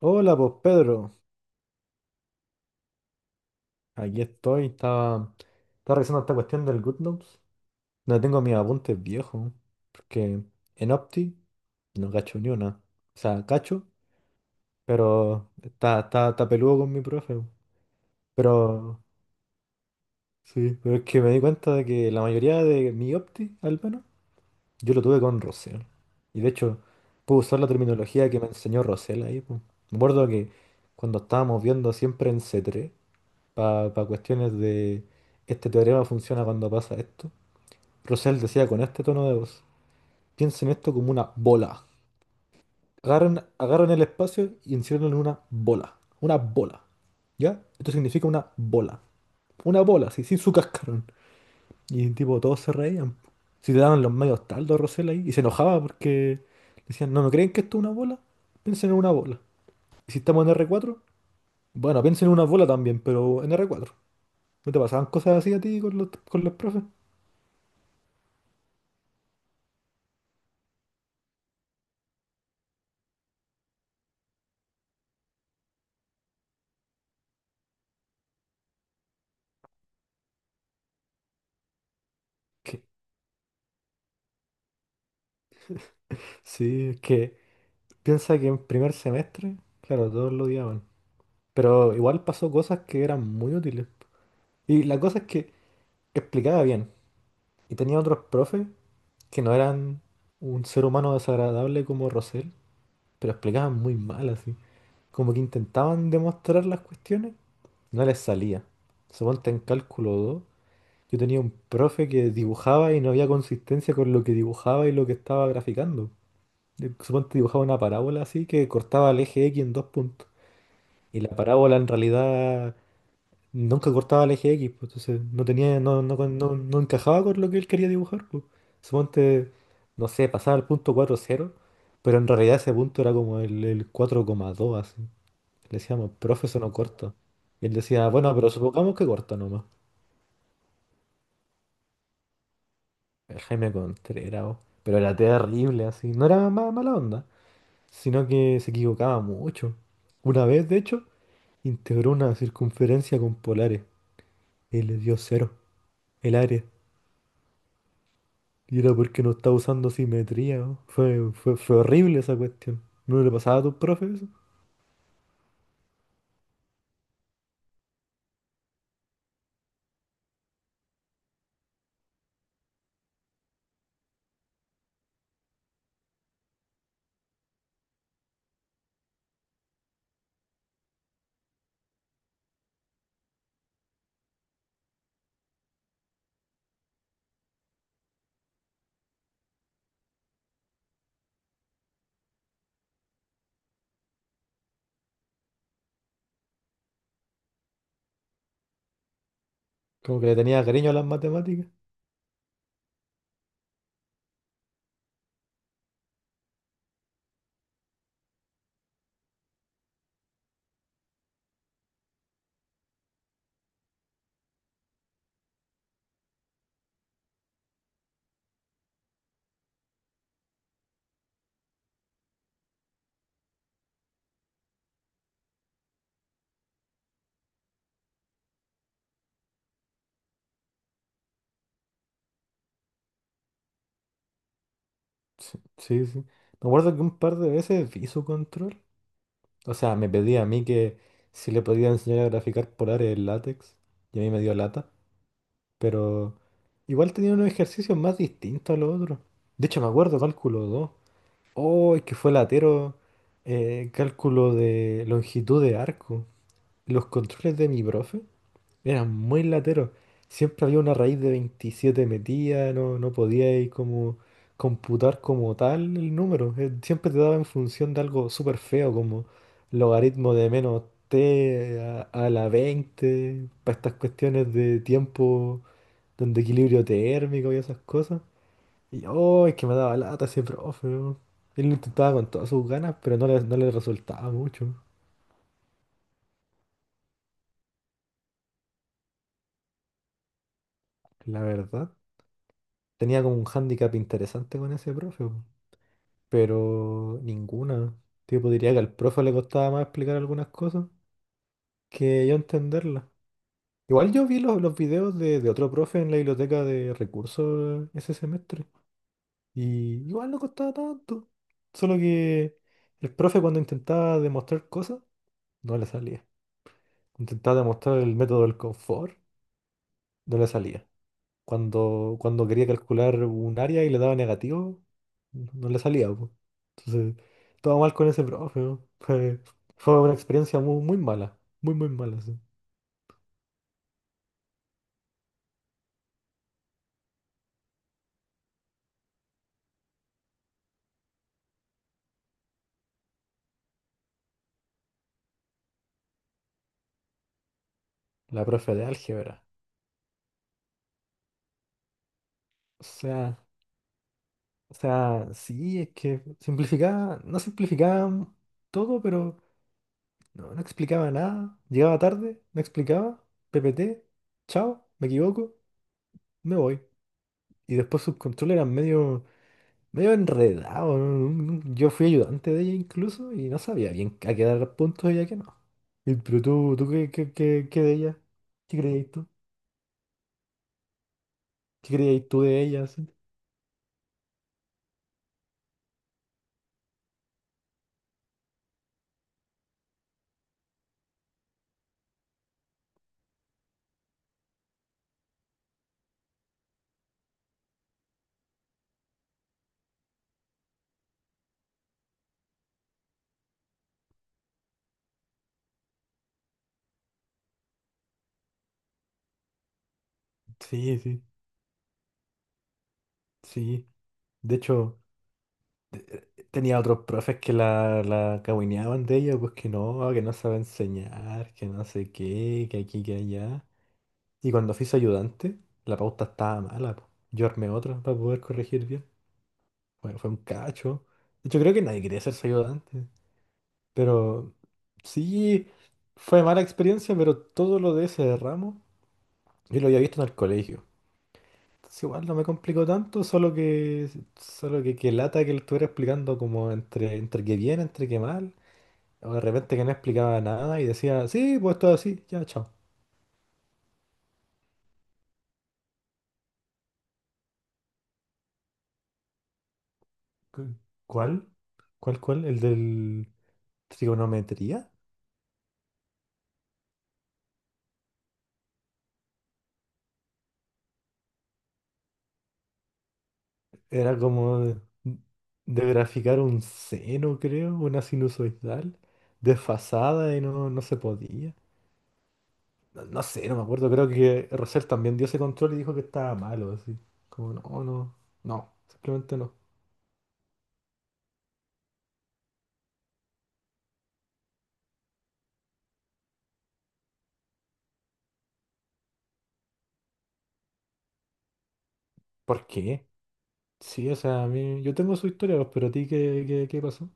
Hola, pues Pedro, aquí estoy. Estaba revisando esta cuestión del GoodNotes. No tengo mis apuntes viejos, porque en Opti no cacho ni una. O sea, cacho, pero está peludo con mi profe. Pero sí, pero es que me di cuenta de que la mayoría de mi Opti, al menos, yo lo tuve con Rosel. Y de hecho, pude usar la terminología que me enseñó Rosel ahí, po. Me acuerdo que cuando estábamos viendo siempre en C3, para cuestiones de este teorema funciona cuando pasa esto. Russell decía con este tono de voz, piensen esto como una bola. Agarren, agarren el espacio y enciérrenlo en una bola. Una bola. ¿Ya? Esto significa una bola. Una bola, sí, sin su cascarón. Y tipo, todos se reían. Si te daban los medios taldos a Rosell ahí. Y se enojaba porque decían, no, ¿no creen que esto es una bola? Piensen en una bola. Y si estamos en r cuatro, bueno, piensen en una bola también, pero en r cuatro. ¿No te pasaban cosas así a ti con los profes? Que Sí, es que piensa que en primer semestre, claro, todos lo odiaban. Pero igual pasó cosas que eran muy útiles. Y la cosa es que explicaba bien. Y tenía otros profes que no eran un ser humano desagradable como Rosel, pero explicaban muy mal así. Como que intentaban demostrar las cuestiones, no les salía. Suponte en cálculo 2 yo tenía un profe que dibujaba y no había consistencia con lo que dibujaba y lo que estaba graficando. Suponte dibujaba una parábola así que cortaba el eje X en dos puntos. Y la parábola en realidad nunca cortaba el eje X, pues, entonces no tenía, no, no, no, no encajaba con lo que él quería dibujar, pues. Suponte, no sé, pasaba al punto cuatro coma cero, pero en realidad ese punto era como el cuatro coma dos así. Le decíamos, profe, eso no corta. Y él decía, bueno, pero supongamos que corta nomás. El Jaime Contreras, oh, pero era terrible así. No era mala onda, sino que se equivocaba mucho. Una vez, de hecho, integró una circunferencia con polares y le dio cero el área. Y era porque no estaba usando simetría, ¿no? Fue horrible esa cuestión. ¿No le pasaba a tus profes eso? Como que le tenía cariño a las matemáticas. Sí, sí, sí. Me acuerdo que un par de veces hizo control. O sea, me pedía a mí que si le podía enseñar a graficar polares en látex. Y a mí me dio lata. Pero igual tenía unos ejercicios más distintos a los otros. De hecho, me acuerdo cálculo 2. Oh, es que fue latero. Cálculo de longitud de arco. Los controles de mi profe eran muy lateros. Siempre había una raíz de 27 metida, no podíais como computar como tal el número. Siempre te daba en función de algo súper feo, como logaritmo de menos t a la 20 para estas cuestiones de tiempo, donde equilibrio térmico y esas cosas. Y oh, es que me daba lata ese profe, weón. Él lo intentaba con todas sus ganas, pero no le resultaba mucho, la verdad. Tenía como un hándicap interesante con ese profe, weón, pero ninguna. Tipo, diría que al profe le costaba más explicar algunas cosas que yo entenderlas. Igual yo vi los videos de otro profe en la biblioteca de recursos ese semestre. Y igual no costaba tanto. Solo que el profe cuando intentaba demostrar cosas, no le salía. Intentaba demostrar el método del confort, no le salía. Cuando quería calcular un área y le daba negativo, no le salía, po. Entonces, todo mal con ese profe, ¿no? Fue una experiencia muy, muy mala, sí. La profe de álgebra. O sea, o sea, sí, es que simplificaba, no simplificaba todo, pero no explicaba nada. Llegaba tarde, no explicaba, PPT, chao, me equivoco, me voy. Y después sus controles eran medio enredado, ¿no? Yo fui ayudante de ella incluso y no sabía bien a qué dar puntos y a qué no. Pero tú, ¿tú qué de ella? ¿Qué creías tú? ¿Qué creías tú de ella así? Sí, sí, sí. De hecho, tenía otros profes que la cahuineaban de ella, pues que no sabe enseñar, que no sé qué, que aquí, que allá. Y cuando fui su ayudante, la pauta estaba mala, po. Yo armé otra para poder corregir bien. Bueno, fue un cacho. De hecho, creo que nadie quería ser su ayudante. Pero sí, fue mala experiencia, pero todo lo de ese ramo yo lo había visto en el colegio. Entonces igual no me complicó tanto, solo que, que lata que lo estuviera explicando como entre que bien, entre que mal. O de repente que no explicaba nada y decía, sí, pues todo así, ya, chao. Cu- ¿Cuál? ¿Cuál? ¿El del trigonometría? Era como de graficar un seno, creo, una sinusoidal, desfasada y no se podía. No, no sé, no me acuerdo. Creo que Rosell también dio ese control y dijo que estaba malo, así. Como, no, no, no, simplemente no. ¿Por qué? Sí, o sea, a mí, yo tengo su historia, pues, pero a ti, ¿qué pasó?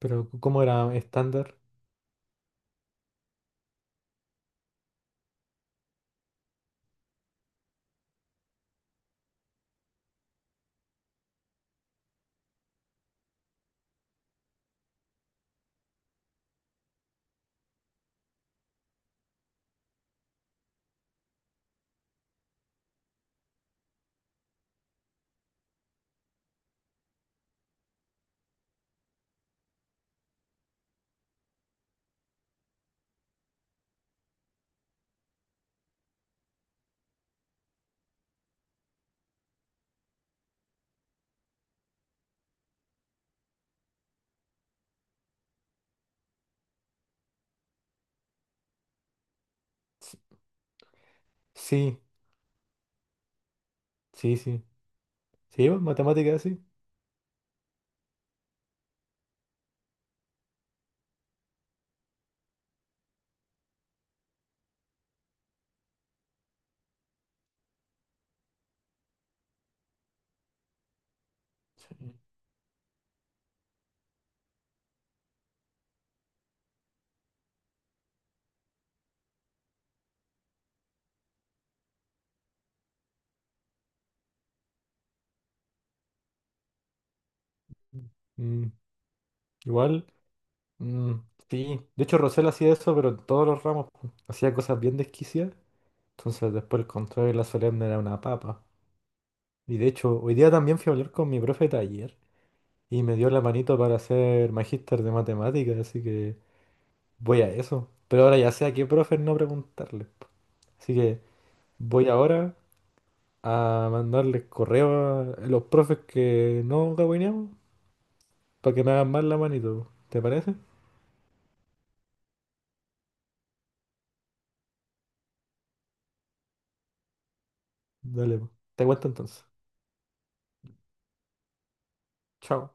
Pero, ¿cómo era? ¿Estándar? S- Sí, sí, sí. ¿Sí? Pues, ¿matemáticas? Sí. Sí. Mm, igual, mm, sí. De hecho, Rosell hacía eso, pero en todos los ramos, pues. Hacía cosas bien desquiciadas. Entonces, después el control de la solemne era una papa. Y de hecho, hoy día también fui a hablar con mi profe de taller, y me dio la manito para ser magíster de matemáticas, así que voy a eso. Pero ahora ya sé a qué profe no preguntarle, po. Así que voy ahora a mandarles correo a los profes que no cabineamos para que me hagan más la manito, po. ¿Te parece? Dale, po. Te cuento entonces. Chao.